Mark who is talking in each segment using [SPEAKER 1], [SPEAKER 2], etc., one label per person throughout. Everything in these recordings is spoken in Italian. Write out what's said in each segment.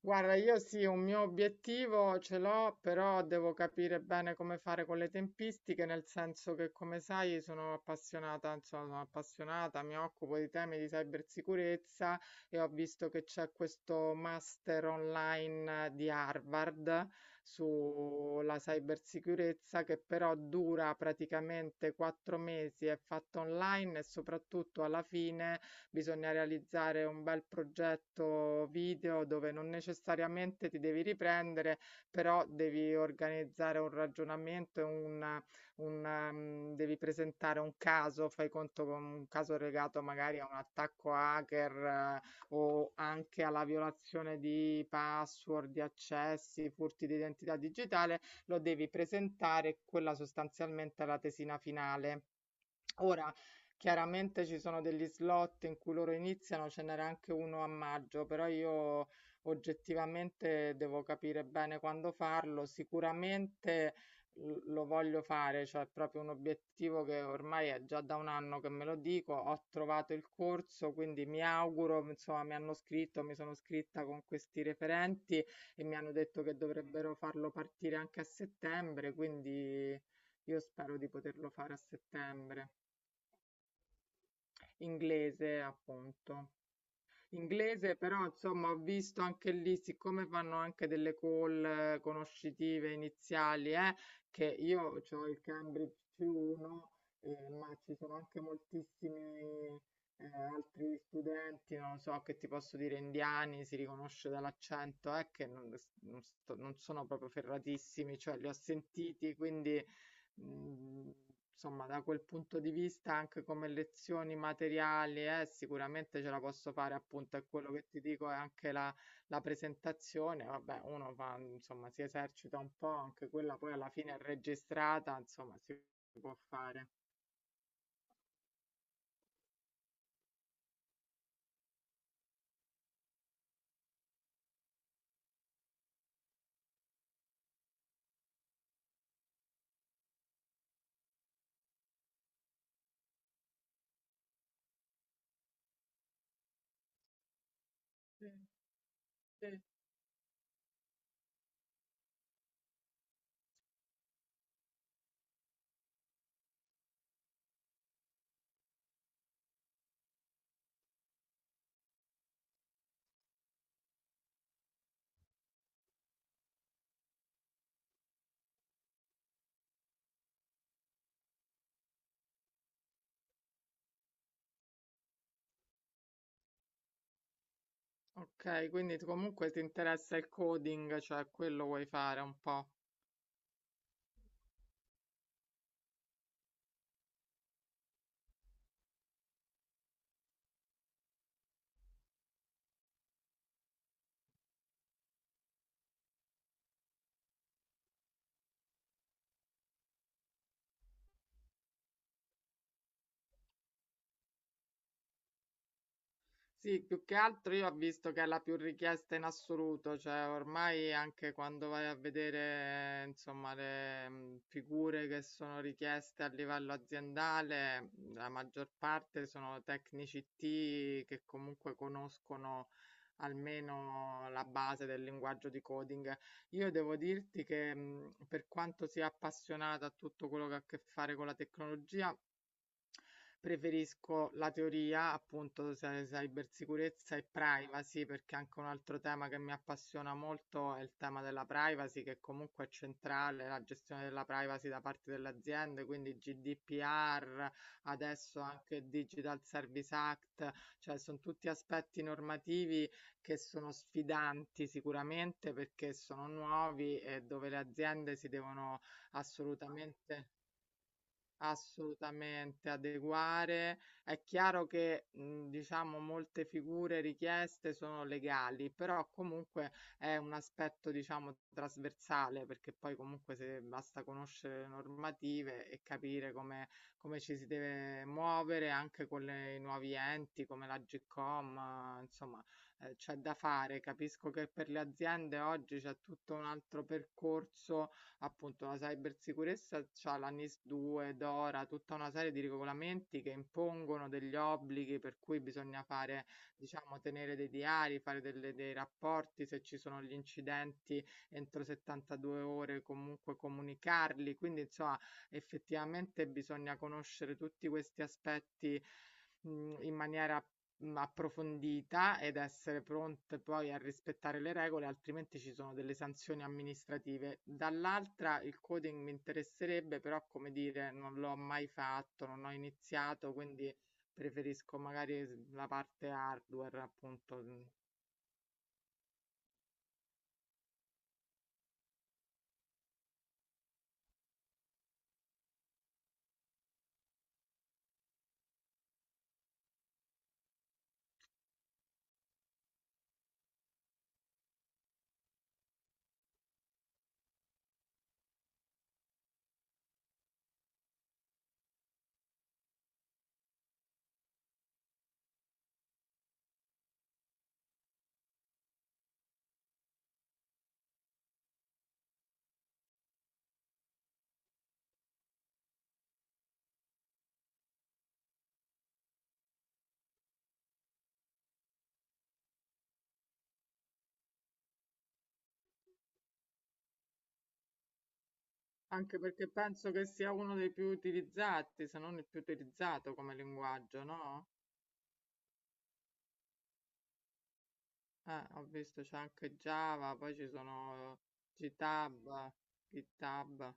[SPEAKER 1] Guarda, io sì, un mio obiettivo ce l'ho, però devo capire bene come fare con le tempistiche, nel senso che, come sai, sono appassionata, insomma, sono appassionata, mi occupo di temi di cybersicurezza e ho visto che c'è questo master online di Harvard sulla cybersicurezza che però dura praticamente 4 mesi, è fatto online e soprattutto alla fine bisogna realizzare un bel progetto video dove non necessariamente ti devi riprendere, però devi organizzare un ragionamento e devi presentare un caso, fai conto con un caso legato magari a un attacco hacker, eh, o anche alla violazione di password, di accessi, furti di identità digitale, lo devi presentare, quella sostanzialmente è la tesina finale. Ora, chiaramente ci sono degli slot in cui loro iniziano, ce n'era anche uno a maggio, però io oggettivamente devo capire bene quando farlo. Sicuramente lo voglio fare, cioè è proprio un obiettivo che ormai è già da un anno che me lo dico. Ho trovato il corso, quindi mi auguro, insomma, mi hanno scritto, mi sono scritta con questi referenti e mi hanno detto che dovrebbero farlo partire anche a settembre, quindi io spero di poterlo fare a settembre. Inglese, appunto. Inglese, però, insomma, ho visto anche lì, siccome fanno anche delle call conoscitive iniziali, che io ho il Cambridge C1, ma ci sono anche moltissimi eh, altri studenti, non lo so, che ti posso dire indiani, si riconosce dall'accento, che non sono proprio ferratissimi, cioè li ho sentiti, quindi Mhmm, insomma da quel punto di vista anche come lezioni materiali, sicuramente ce la posso fare appunto, e quello che ti dico è anche la presentazione, vabbè uno fa insomma si esercita un po', anche quella poi alla fine è registrata, insomma si può fare. Sì, sì. Okay, quindi tu comunque ti interessa il coding, cioè quello vuoi fare un po'. Sì, più che altro io ho visto che è la più richiesta in assoluto, cioè ormai anche quando vai a vedere, insomma, le figure che sono richieste a livello aziendale, la maggior parte sono tecnici IT che comunque conoscono almeno la base del linguaggio di coding. Io devo dirti che per quanto sia appassionata a tutto quello che ha a che fare con la tecnologia, preferisco la teoria, appunto, cybersicurezza e privacy, perché anche un altro tema che mi appassiona molto è il tema della privacy, che comunque è centrale, la gestione della privacy da parte delle aziende, quindi GDPR, adesso anche Digital Service Act, cioè sono tutti aspetti normativi che sono sfidanti sicuramente perché sono nuovi e dove le aziende si devono assolutamente... Assolutamente adeguare. È chiaro che, diciamo molte figure richieste sono legali, però comunque è un aspetto, diciamo, trasversale, perché poi comunque se basta conoscere le normative e capire come ci si deve muovere anche con le i nuovi enti come l'Agcom, insomma, c'è da fare. Capisco che per le aziende oggi c'è tutto un altro percorso appunto la cybersicurezza c'ha la NIS 2, DORA, tutta una serie di regolamenti che impongono degli obblighi per cui bisogna fare, diciamo, tenere dei diari, fare dei rapporti, se ci sono gli incidenti entro 72 ore comunque comunicarli, quindi insomma effettivamente bisogna conoscere tutti questi aspetti in maniera approfondita ed essere pronte poi a rispettare le regole, altrimenti ci sono delle sanzioni amministrative. Dall'altra il coding mi interesserebbe, però come dire, non l'ho mai fatto, non ho iniziato, quindi preferisco magari la parte hardware, appunto. Mh. Anche perché penso che sia uno dei più utilizzati, se non il più utilizzato come linguaggio, no? Ho visto c'è anche Java, poi ci sono GitHub, GitHub.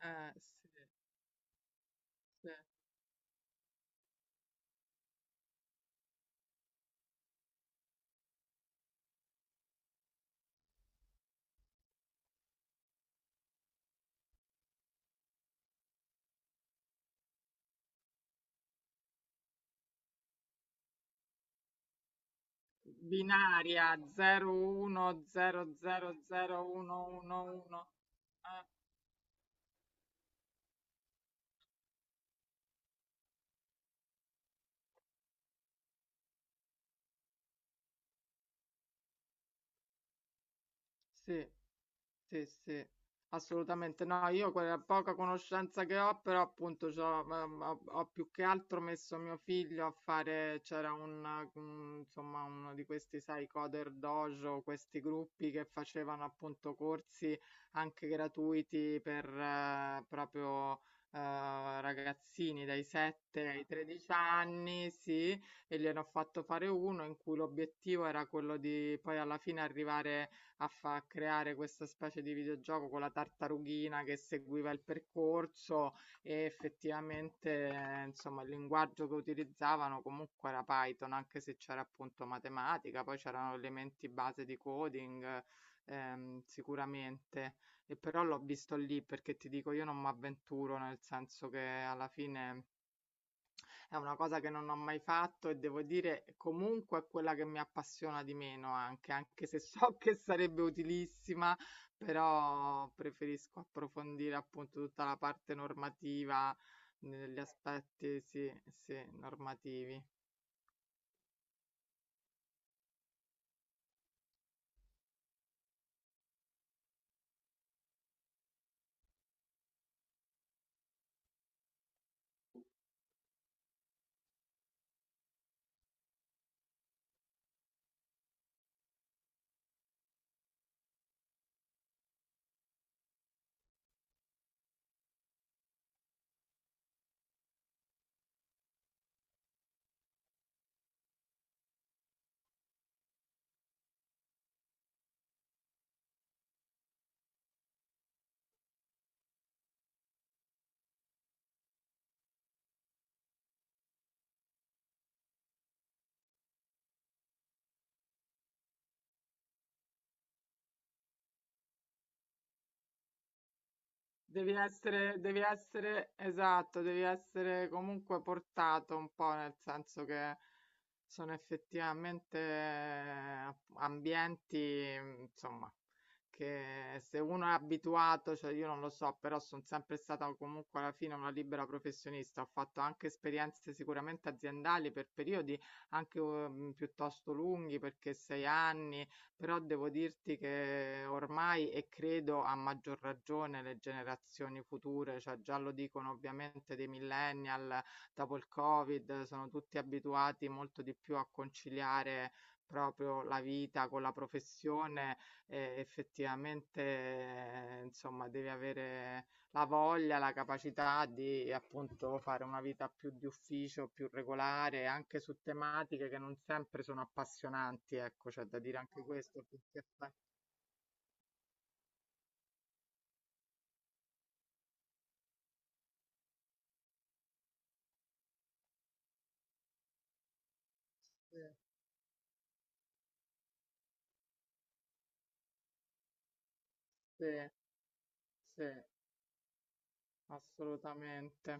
[SPEAKER 1] Sì. Sì. Binaria 01000111. Eh, sì. Sì, sì, assolutamente. No, io quella poca conoscenza che ho, però appunto c'ho, ho, ho più che altro messo mio figlio a fare, c'era insomma, uno di questi, sai, Coder Dojo, questi gruppi che facevano appunto corsi anche gratuiti per proprio ragazzini dai 7 ai 13 anni, sì, e gliene ho fatto fare uno in cui l'obiettivo era quello di poi alla fine arrivare a creare questa specie di videogioco con la tartarughina che seguiva il percorso e effettivamente, insomma, il linguaggio che utilizzavano comunque era Python, anche se c'era appunto matematica, poi c'erano elementi base di coding, sicuramente. E però l'ho visto lì perché ti dico, io non mi avventuro, nel senso che alla fine è una cosa che non ho mai fatto e devo dire comunque è quella che mi appassiona di meno anche, anche se so che sarebbe utilissima, però preferisco approfondire appunto tutta la parte normativa, negli aspetti, sì, sì, normativi. Devi essere, esatto, devi essere comunque portato un po', nel senso che sono effettivamente ambienti, insomma, che se uno è abituato, cioè io non lo so, però sono sempre stata comunque alla fine una libera professionista, ho fatto anche esperienze sicuramente aziendali per periodi anche piuttosto lunghi, perché 6 anni però devo dirti che ormai, e credo a maggior ragione le generazioni future, cioè già lo dicono ovviamente dei millennial, dopo il Covid, sono tutti abituati molto di più a conciliare proprio la vita con la professione e effettivamente, insomma, devi avere la voglia, la capacità di appunto fare una vita più di ufficio, più regolare, anche su tematiche che non sempre sono appassionanti, ecco, c'è da dire anche questo, perché sì, sì, sì, assolutamente.